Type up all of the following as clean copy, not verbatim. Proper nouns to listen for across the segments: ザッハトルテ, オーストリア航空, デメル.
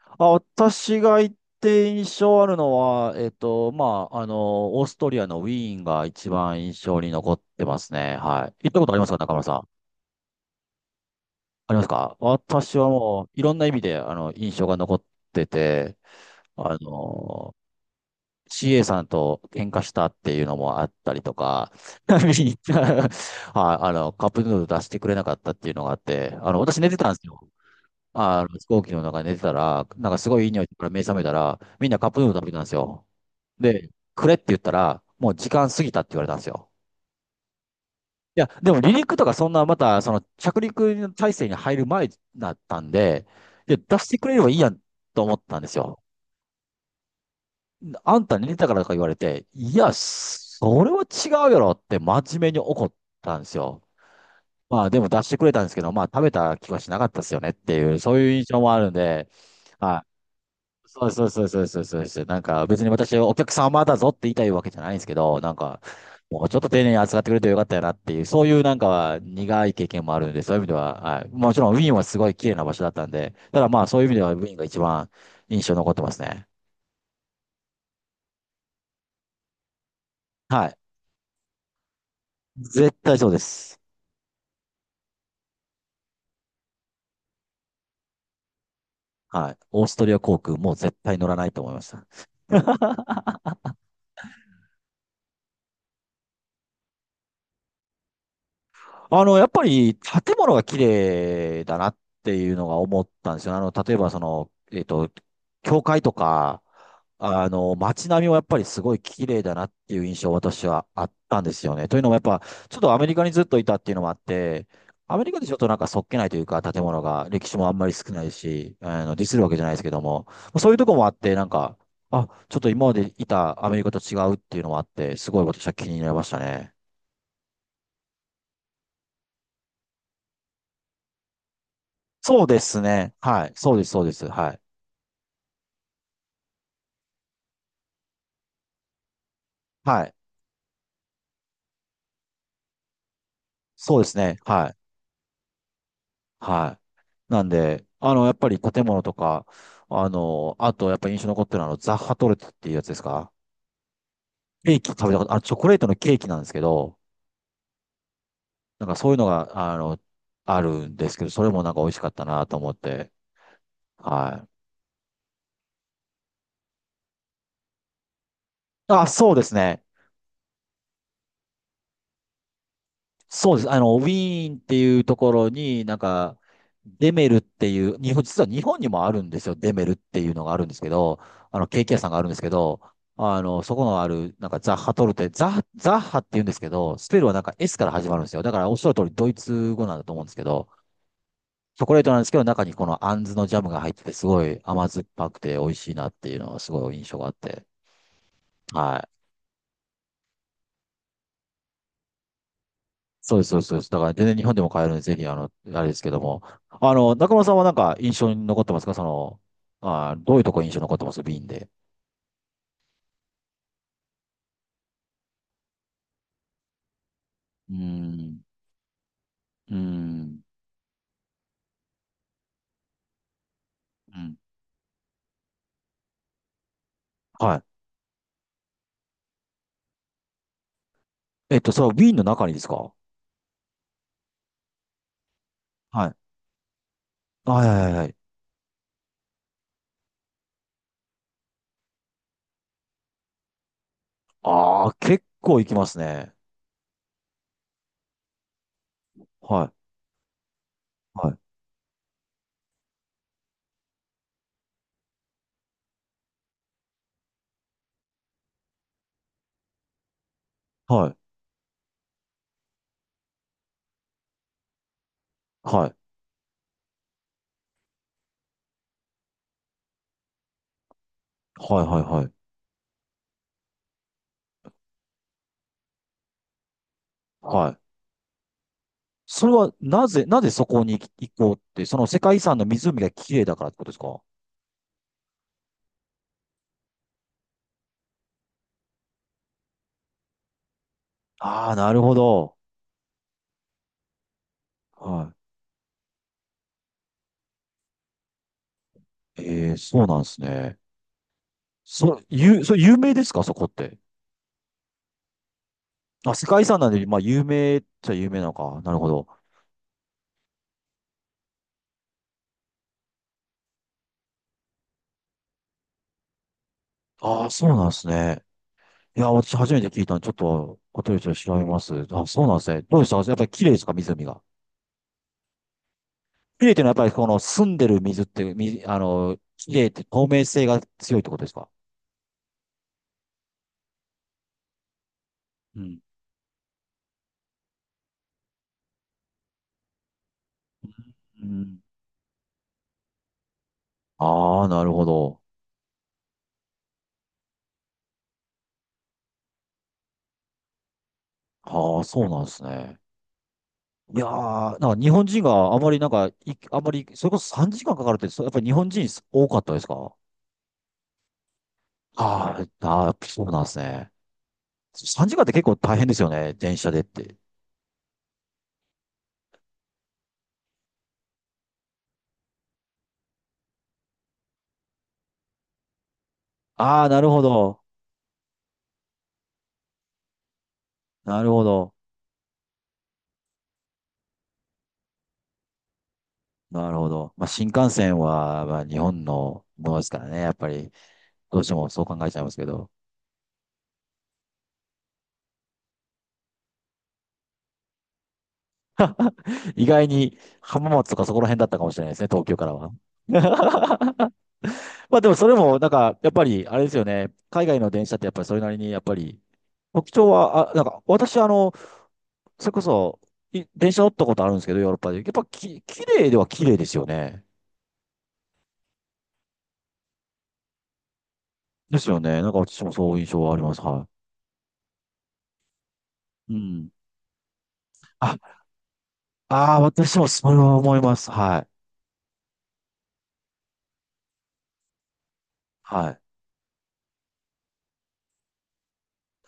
あ、私が行って印象あるのは、オーストリアのウィーンが一番印象に残ってますね。はい。行ったことありますか、中村さん？ありますか？私はもう、いろんな意味で、印象が残ってて、あの、CA さんと喧嘩したっていうのもあったりとか、はい、カップヌードル出してくれなかったっていうのがあって、私寝てたんですよ。飛行機の中で寝てたら、なんかすごいいい匂いから目覚めたら、みんなカップヌードル食べてたんですよ。で、くれって言ったら、もう時間過ぎたって言われたんですよ。いや、でも離陸とかそんな、また、その着陸の体制に入る前だったんで、いや、出してくれればいいやんと思ったんですよ。あんた寝てたからとか言われて、いや、それは違うやろって真面目に怒ったんですよ。まあでも出してくれたんですけど、まあ食べた気はしなかったですよねっていう、そういう印象もあるんで、はい。そうそうそうそうそうそうそう。なんか別に私はお客様だぞって言いたいわけじゃないんですけど、なんかもうちょっと丁寧に扱ってくれてよかったよなっていう、そういうなんか苦い経験もあるんで、そういう意味では、はい。もちろんウィーンはすごい綺麗な場所だったんで、ただまあそういう意味ではウィーンが一番印象に残ってますね。はい。絶対そうです。はい。オーストリア航空もう絶対乗らないと思いました。やっぱり建物が綺麗だなっていうのが思ったんですよね。例えばその、教会とか、街並みもやっぱりすごい綺麗だなっていう印象私はあったんですよね。というのもやっぱ、ちょっとアメリカにずっといたっていうのもあって、アメリカでちょっとなんかそっけないというか、建物が歴史もあんまり少ないし、ディスるわけじゃないですけども、そういうとこもあって、なんか、あ、ちょっと今までいたアメリカと違うっていうのもあって、すごい私は気になりましたね。そうですね。はい。そうです、そうです。はい。はい。そうですね。はい。はい。なんで、やっぱり建物とか、あと、やっぱり印象に残ってるのは、ザッハトルテっていうやつですか？ケーキ食べたこと、チョコレートのケーキなんですけど、なんかそういうのが、あるんですけど、それもなんか美味しかったなと思って。はい。あ、そうですね。そうです。ウィーンっていうところに、なんか、デメルっていう、日本、実は日本にもあるんですよ。デメルっていうのがあるんですけど、ケーキ屋さんがあるんですけど、そこのある、なんかザッハトルテ、ザッハって言うんですけど、スペルはなんか S から始まるんですよ。だからおっしゃる通りドイツ語なんだと思うんですけど、チョコレートなんですけど、中にこのアンズのジャムが入ってて、すごい甘酸っぱくて美味しいなっていうのはすごい印象があって。はい。そうです、そうです、そうです。だから全然日本でも買えるんで、ぜひ、あれですけども。中村さんはなんか印象に残ってますか？その、あー、どういうとこ印象に残ってますウーンで。うーん、うーん、うん。はい。えっと、それはウィンの中にですか？はい。はいはいはい。ああ、結構行きますね。はい、はい、はい、はい、はい、はい、はい。はい。それはなぜ、なぜそこに行行こうって、その世界遺産の湖が綺麗だからってことですか？ああー、なるほど。はい。ええ、そうなんですね。そう、それ有名ですか、そこって？あ、世界遺産なんで、まあ、有名っちゃ有名なのか。なるほど。ああ、そうなんですね。いや、私初めて聞いたんで、ちょっと、ホテ調べます。あ、そうなんですね。どうでした？やっぱり綺麗ですか、湖が？綺麗っていうのは、やっぱりこの澄んでる水って、綺麗って透明性が強いってことですか？うん。うん。ああ、なるほど。ああ、そうなんですね。いやー、なんか日本人があまりなんか、あまり、それこそ3時間かんかかるって、そやっぱり日本人多かったですか？あーあー、そうなんですね。3時間って結構大変ですよね。電車でって。ああ、なるほど。なるほど。なるほど。まあ、新幹線は、まあ、日本のものですからね。やっぱり、どうしてもそう考えちゃいますけど。意外に浜松とかそこら辺だったかもしれないですね。東京からは。まあ、でもそれも、なんか、やっぱり、あれですよね。海外の電車ってやっぱりそれなりに、やっぱり、特徴は、あ、なんか、私、それこそ、電車乗ったことあるんですけど、ヨーロッパで。やっぱき、綺麗では綺麗ですよね。ですよね。なんか私もそういう印象はあります。はい。うん。あ、ああ、私もそれは思います。はい。はい。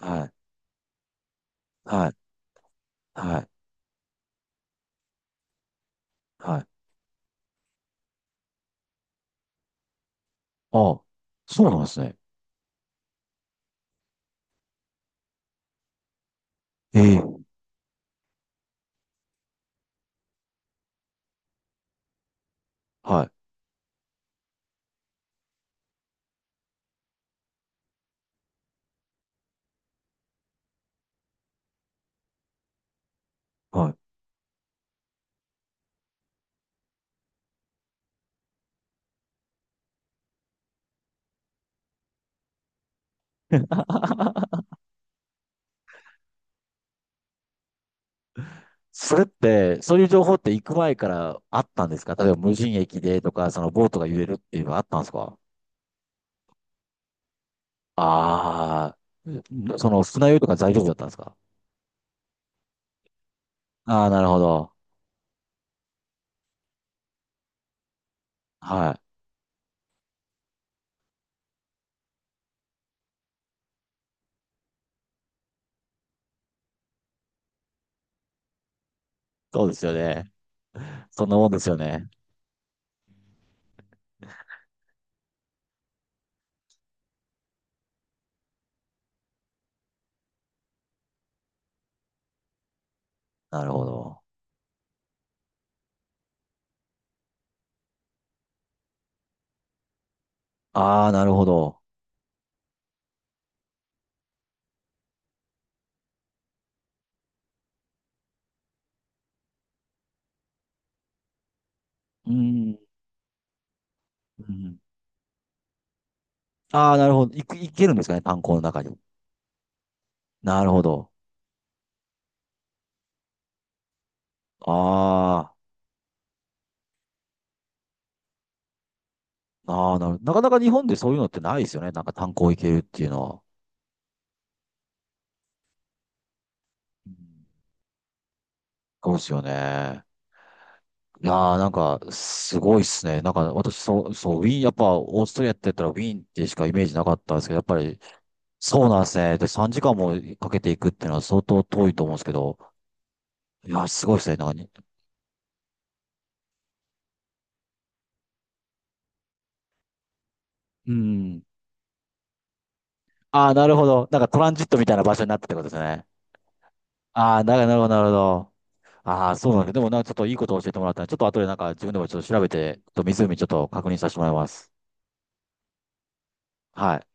はい。はい。はい。はい。ああ、そうなんですね。ええ。はい。はい。それって、そういう情報って行く前からあったんですか？例えば無人駅でとか、そのボートが揺れるっていうのはあったんですか？ああー、その船酔いとか大丈夫だったんですか？ああー、なるほど。はい。そうですよね。そんなもんですよね。なるほど。ああ、なるほど。うん。うん。ああ、なるほど。いく、いけるんですかね、炭鉱の中に？なるほど。ああ、ああ、なかなか日本でそういうのってないですよね。なんか炭鉱行けるっていうのは。うん。そうですよね。いやー、なんか、すごいっすね。なんか、私、そう、そう、ウィーン、やっぱ、オーストリアって言ったらウィーンってしかイメージなかったんですけど、やっぱり、そうなんですね。で、3時間もかけていくっていうのは相当遠いと思うんですけど、いやー、すごいっすね。なんかに、うん。ああ、なるほど。なんかトランジットみたいな場所になったってことですね。ああ、なるほど、なるほど。ああ、そうなんだ。でもなんかちょっといいことを教えてもらったんで、ちょっと後でなんか自分でもちょっと調べて、ちょっと湖ちょっと確認させてもらいます。はい。